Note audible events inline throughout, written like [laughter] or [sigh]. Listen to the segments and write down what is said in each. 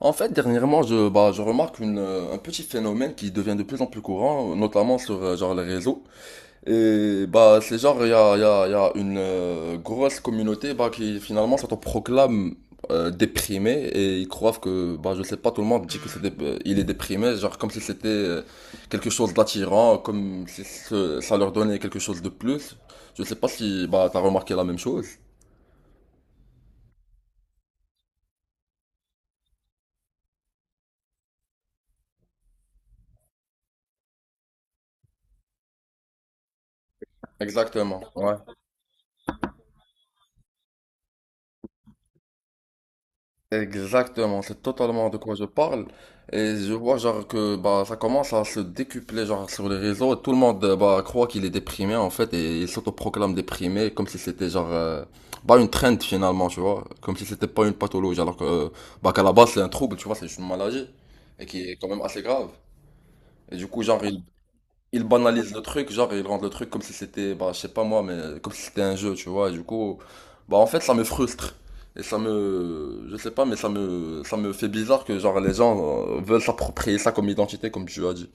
En fait, dernièrement, je remarque un petit phénomène qui devient de plus en plus courant, notamment sur genre les réseaux. Et bah, c'est genre, il y a, il y a, il y a une grosse communauté bah, qui finalement s'autoproclame déprimée et ils croient que, bah, je sais pas, tout le monde dit que il est déprimé, genre comme si c'était quelque chose d'attirant, comme si ça leur donnait quelque chose de plus. Je sais pas si bah, t'as remarqué la même chose. Exactement, exactement, c'est totalement de quoi je parle. Et je vois genre que bah ça commence à se décupler genre sur les réseaux et tout le monde bah croit qu'il est déprimé en fait et il s'autoproclame déprimé comme si c'était genre bah une trend finalement, tu vois, comme si c'était pas une pathologie alors que bah qu'à la base c'est un trouble, tu vois, c'est juste une maladie et qui est quand même assez grave. Et du coup genre ils banalisent le truc, genre ils rendent le truc comme si c'était, bah, je sais pas moi, mais comme si c'était un jeu, tu vois. Et du coup, bah en fait, ça me frustre. Et je sais pas, mais ça me fait bizarre que genre les gens veulent s'approprier ça comme identité, comme tu as dit.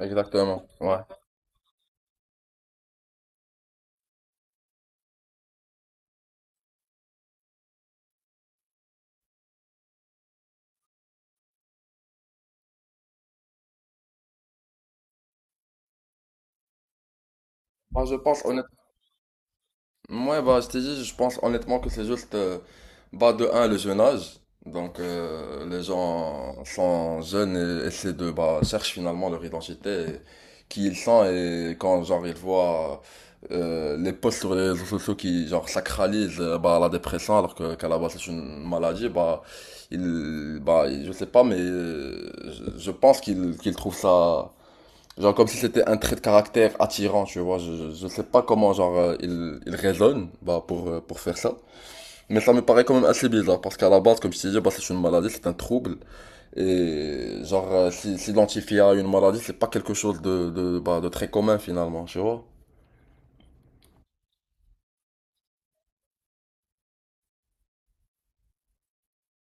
Exactement, ouais. Moi, je pense honnêtement. Ouais, bah, je t'ai dit, je pense honnêtement que c'est juste, bah, de un, le jeune âge. Donc, les gens sont jeunes et essaient de, bah, cherchent finalement leur identité, et qui ils sont, et quand, genre, ils voient les posts sur les réseaux sociaux qui, genre, sacralisent, bah, la dépression, alors que, qu'à la base, c'est une maladie, bah, je sais pas, mais je pense qu'ils trouvent ça genre comme si c'était un trait de caractère attirant, tu vois. Je sais pas comment genre il raisonne bah, pour faire ça. Mais ça me paraît quand même assez bizarre parce qu'à la base, comme je t'ai dit, bah, c'est une maladie, c'est un trouble. Et genre s'identifier à une maladie, c'est pas quelque chose de très commun finalement, tu vois.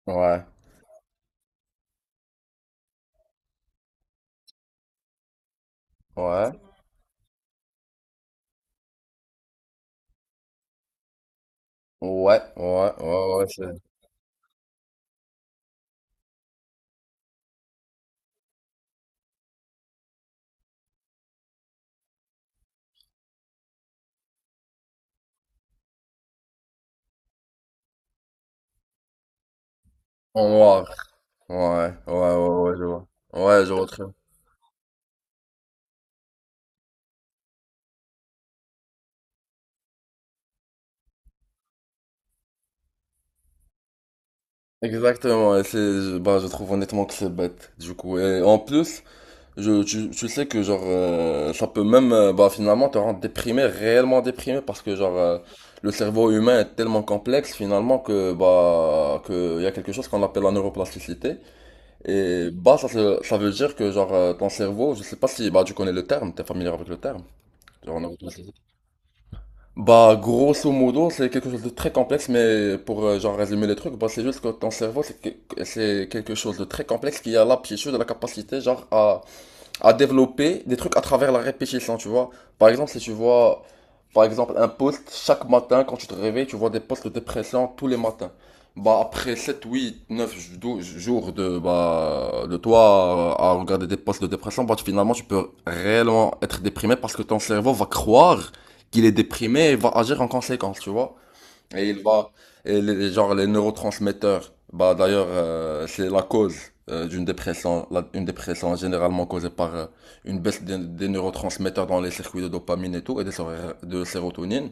Ouais, ouais, ouais, ouais, ouais, ouais, c'est... En noir. Ouais, ouais, ouais, ouais, je vois. Ouais, je vois très bien. Exactement, et c'est, bah, je trouve honnêtement que c'est bête, du coup. Et en plus, tu sais que genre ça peut même bah finalement te rendre déprimé, réellement déprimé parce que genre le cerveau humain est tellement complexe finalement que il y a quelque chose qu'on appelle la neuroplasticité et bah ça veut dire que genre ton cerveau, je sais pas si bah tu connais le terme, t'es familier avec le terme, genre neuroplasticité. Bah grosso modo, c'est quelque chose de très complexe mais pour genre résumer les trucs, bah c'est juste que ton cerveau c'est quelque chose de très complexe qui a l'aptitude, la capacité genre à développer des trucs à travers la répétition, tu vois. Par exemple, si tu vois, par exemple, un post chaque matin quand tu te réveilles, tu vois des posts de dépression tous les matins. Bah, après 7, 8, 9, jours bah, de toi à regarder des posts de dépression, bah, finalement, tu peux réellement être déprimé parce que ton cerveau va croire qu'il est déprimé et va agir en conséquence, tu vois. Et il va, et les, genre les neurotransmetteurs, bah d'ailleurs, c'est la cause d'une dépression. Une dépression est généralement causée par une baisse des neurotransmetteurs dans les circuits de dopamine et tout, et de sérotonine.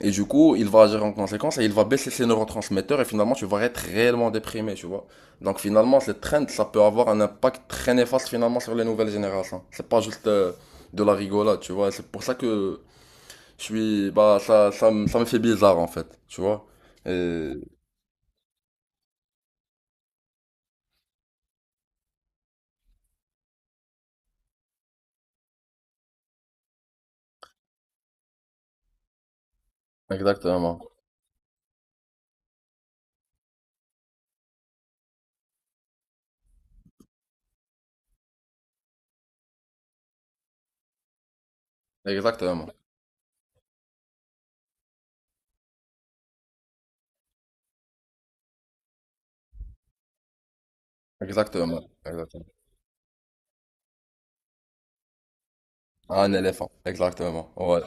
Et du coup, il va agir en conséquence et il va baisser ses neurotransmetteurs et finalement, tu vas être réellement déprimé, tu vois. Donc finalement, cette trend, ça peut avoir un impact très néfaste finalement sur les nouvelles générations. C'est pas juste de la rigolade, tu vois. C'est pour ça que je suis, bah, ça, ça me fait bizarre, en fait, tu vois. Et- Exactement. Exactement. Exactement. Exactement. Un éléphant. Exactement. Ouais.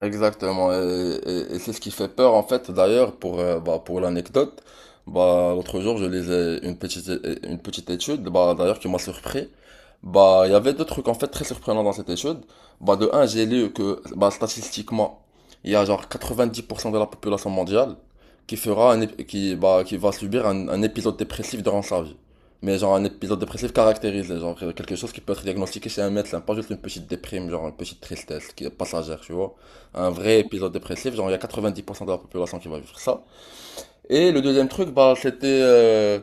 Exactement, et c'est ce qui fait peur en fait. D'ailleurs, pour l'anecdote, bah, l'autre jour je lisais une petite étude, bah, d'ailleurs qui m'a surpris. Bah, il y avait deux trucs en fait très surprenants dans cette étude. Bah, de un, j'ai lu que bah, statistiquement, il y a genre 90% de la population mondiale qui va subir un épisode dépressif durant sa vie. Mais genre un épisode dépressif caractérisé, genre quelque chose qui peut être diagnostiqué chez un médecin, pas juste une petite déprime, genre une petite tristesse qui est passagère, tu vois un vrai épisode dépressif, genre il y a 90% de la population qui va vivre ça. Et le deuxième truc, bah c'était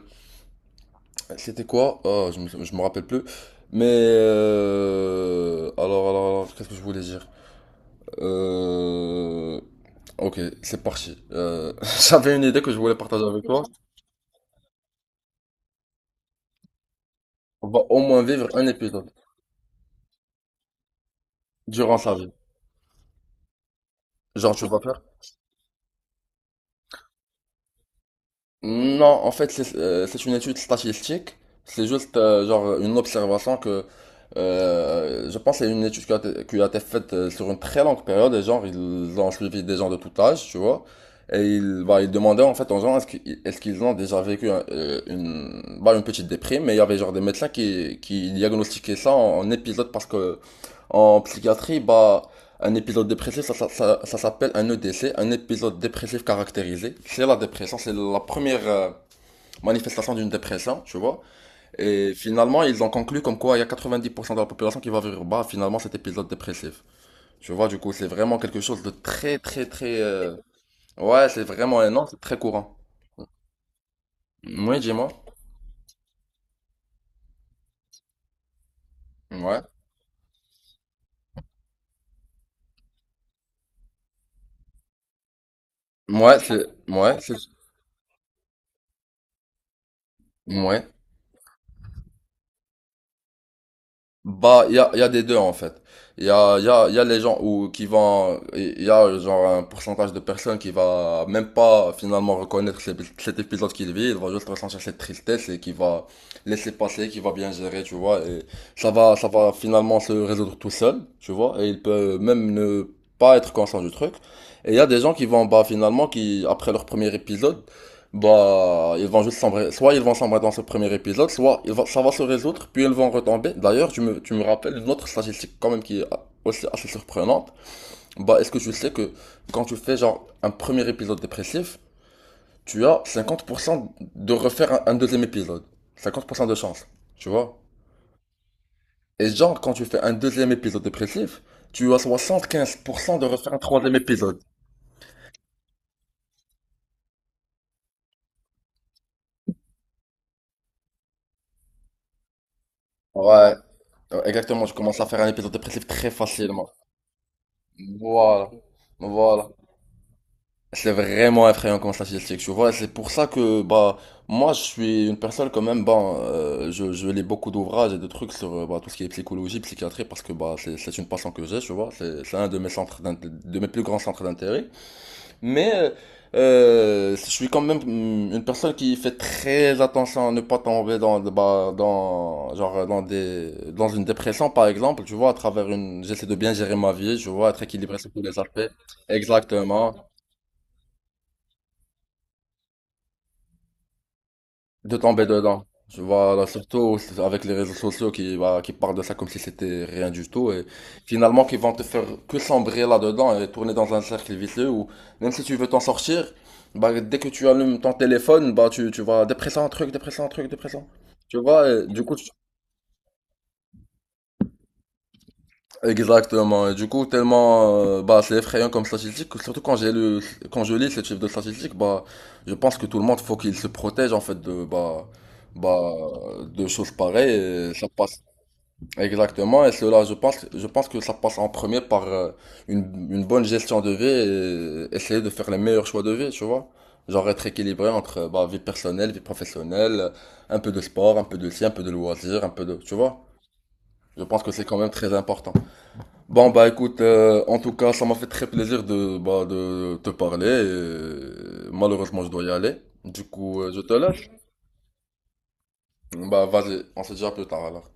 c'était quoi. Oh, je me rappelle plus. Mais alors qu'est-ce que je voulais dire euh, ok, c'est parti. [laughs] J'avais une idée que je voulais partager avec toi. On va au moins vivre un épisode durant sa vie. Genre tu vas faire non, en fait, c'est une étude statistique. C'est juste genre une observation que je pense que c'est une étude qui a été faite sur une très longue période. Et genre, ils ont suivi des gens de tout âge, tu vois. Et ils demandaient en fait aux gens est-ce qu'ils ont déjà vécu une petite déprime. Mais il y avait genre des médecins qui diagnostiquaient ça en épisode parce que en psychiatrie, bah. Un épisode dépressif, ça s'appelle un EDC, un épisode dépressif caractérisé. C'est la dépression, c'est la première manifestation d'une dépression, tu vois. Et finalement, ils ont conclu comme quoi il y a 90% de la population qui va vivre bas, finalement, cet épisode dépressif. Tu vois, du coup, c'est vraiment quelque chose de très, très, très... Ouais, c'est vraiment énorme, c'est très courant. Oui, dis-moi. Ouais. Ouais, c'est... Ouais, c'est... Ouais. Bah, il y a des deux en fait. Il y a, il y a, il y a les gens il y a genre un pourcentage de personnes qui va même pas finalement reconnaître cet épisode qu'il vit, il va juste ressentir cette tristesse et qui va laisser passer, qui va bien gérer, tu vois, et ça va finalement se résoudre tout seul, tu vois, et il peut même ne pas être conscient du truc. Et il y a des gens qui vont, bah finalement, qui, après leur premier épisode, bah, ils vont juste sombrer. Soit ils vont sombrer dans ce premier épisode, soit ça va se résoudre, puis ils vont retomber. D'ailleurs, tu me rappelles une autre statistique quand même qui est aussi assez surprenante. Bah, est-ce que tu sais que quand tu fais genre un premier épisode dépressif, tu as 50% de refaire un deuxième épisode. 50% de chance, tu vois? Et genre, quand tu fais un deuxième épisode dépressif, tu as 75% de refaire un troisième épisode. Ouais, exactement, je commence à faire un épisode dépressif très facilement. Voilà, voilà. C'est vraiment effrayant comme statistique, tu vois. C'est pour ça que bah moi je suis une personne quand même bah je lis beaucoup d'ouvrages et de trucs sur bah, tout ce qui est psychologie, psychiatrie parce que bah c'est une passion que j'ai, tu vois. C'est un de mes centres de mes plus grands centres d'intérêt. Mais euh, je suis quand même une personne qui fait très attention à ne pas tomber dans bah dans genre dans des dans une dépression par exemple, tu vois, à travers une j'essaie de bien gérer ma vie, tu vois, être équilibré sur tous les aspects. Exactement, de tomber dedans. Je vois, là, surtout avec les réseaux sociaux qui parlent de ça comme si c'était rien du tout et finalement qui vont te faire que sombrer là-dedans et tourner dans un cercle vicieux où même si tu veux t'en sortir, bah, dès que tu allumes ton téléphone, bah, tu vas dépressant, un truc, dépressant, un truc, dépressant. Tu vois, et du coup, exactement. Et du coup, tellement, bah, c'est effrayant comme statistique. Surtout quand j'ai lu, quand je lis ce type de statistique, bah, je pense que tout le monde faut qu'il se protège en fait bah, de choses pareilles. Et ça passe exactement. Et cela, je pense que ça passe en premier par une bonne gestion de vie et essayer de faire les meilleurs choix de vie, tu vois. Genre être équilibré entre bah, vie personnelle, vie professionnelle, un peu de sport, un peu de ci, un peu de loisirs, un peu de, tu vois. Je pense que c'est quand même très important. Bon bah écoute, en tout cas, ça m'a fait très plaisir de te parler. Et malheureusement, je dois y aller. Du coup, je te lâche. Bah vas-y, on se dit à plus tard alors.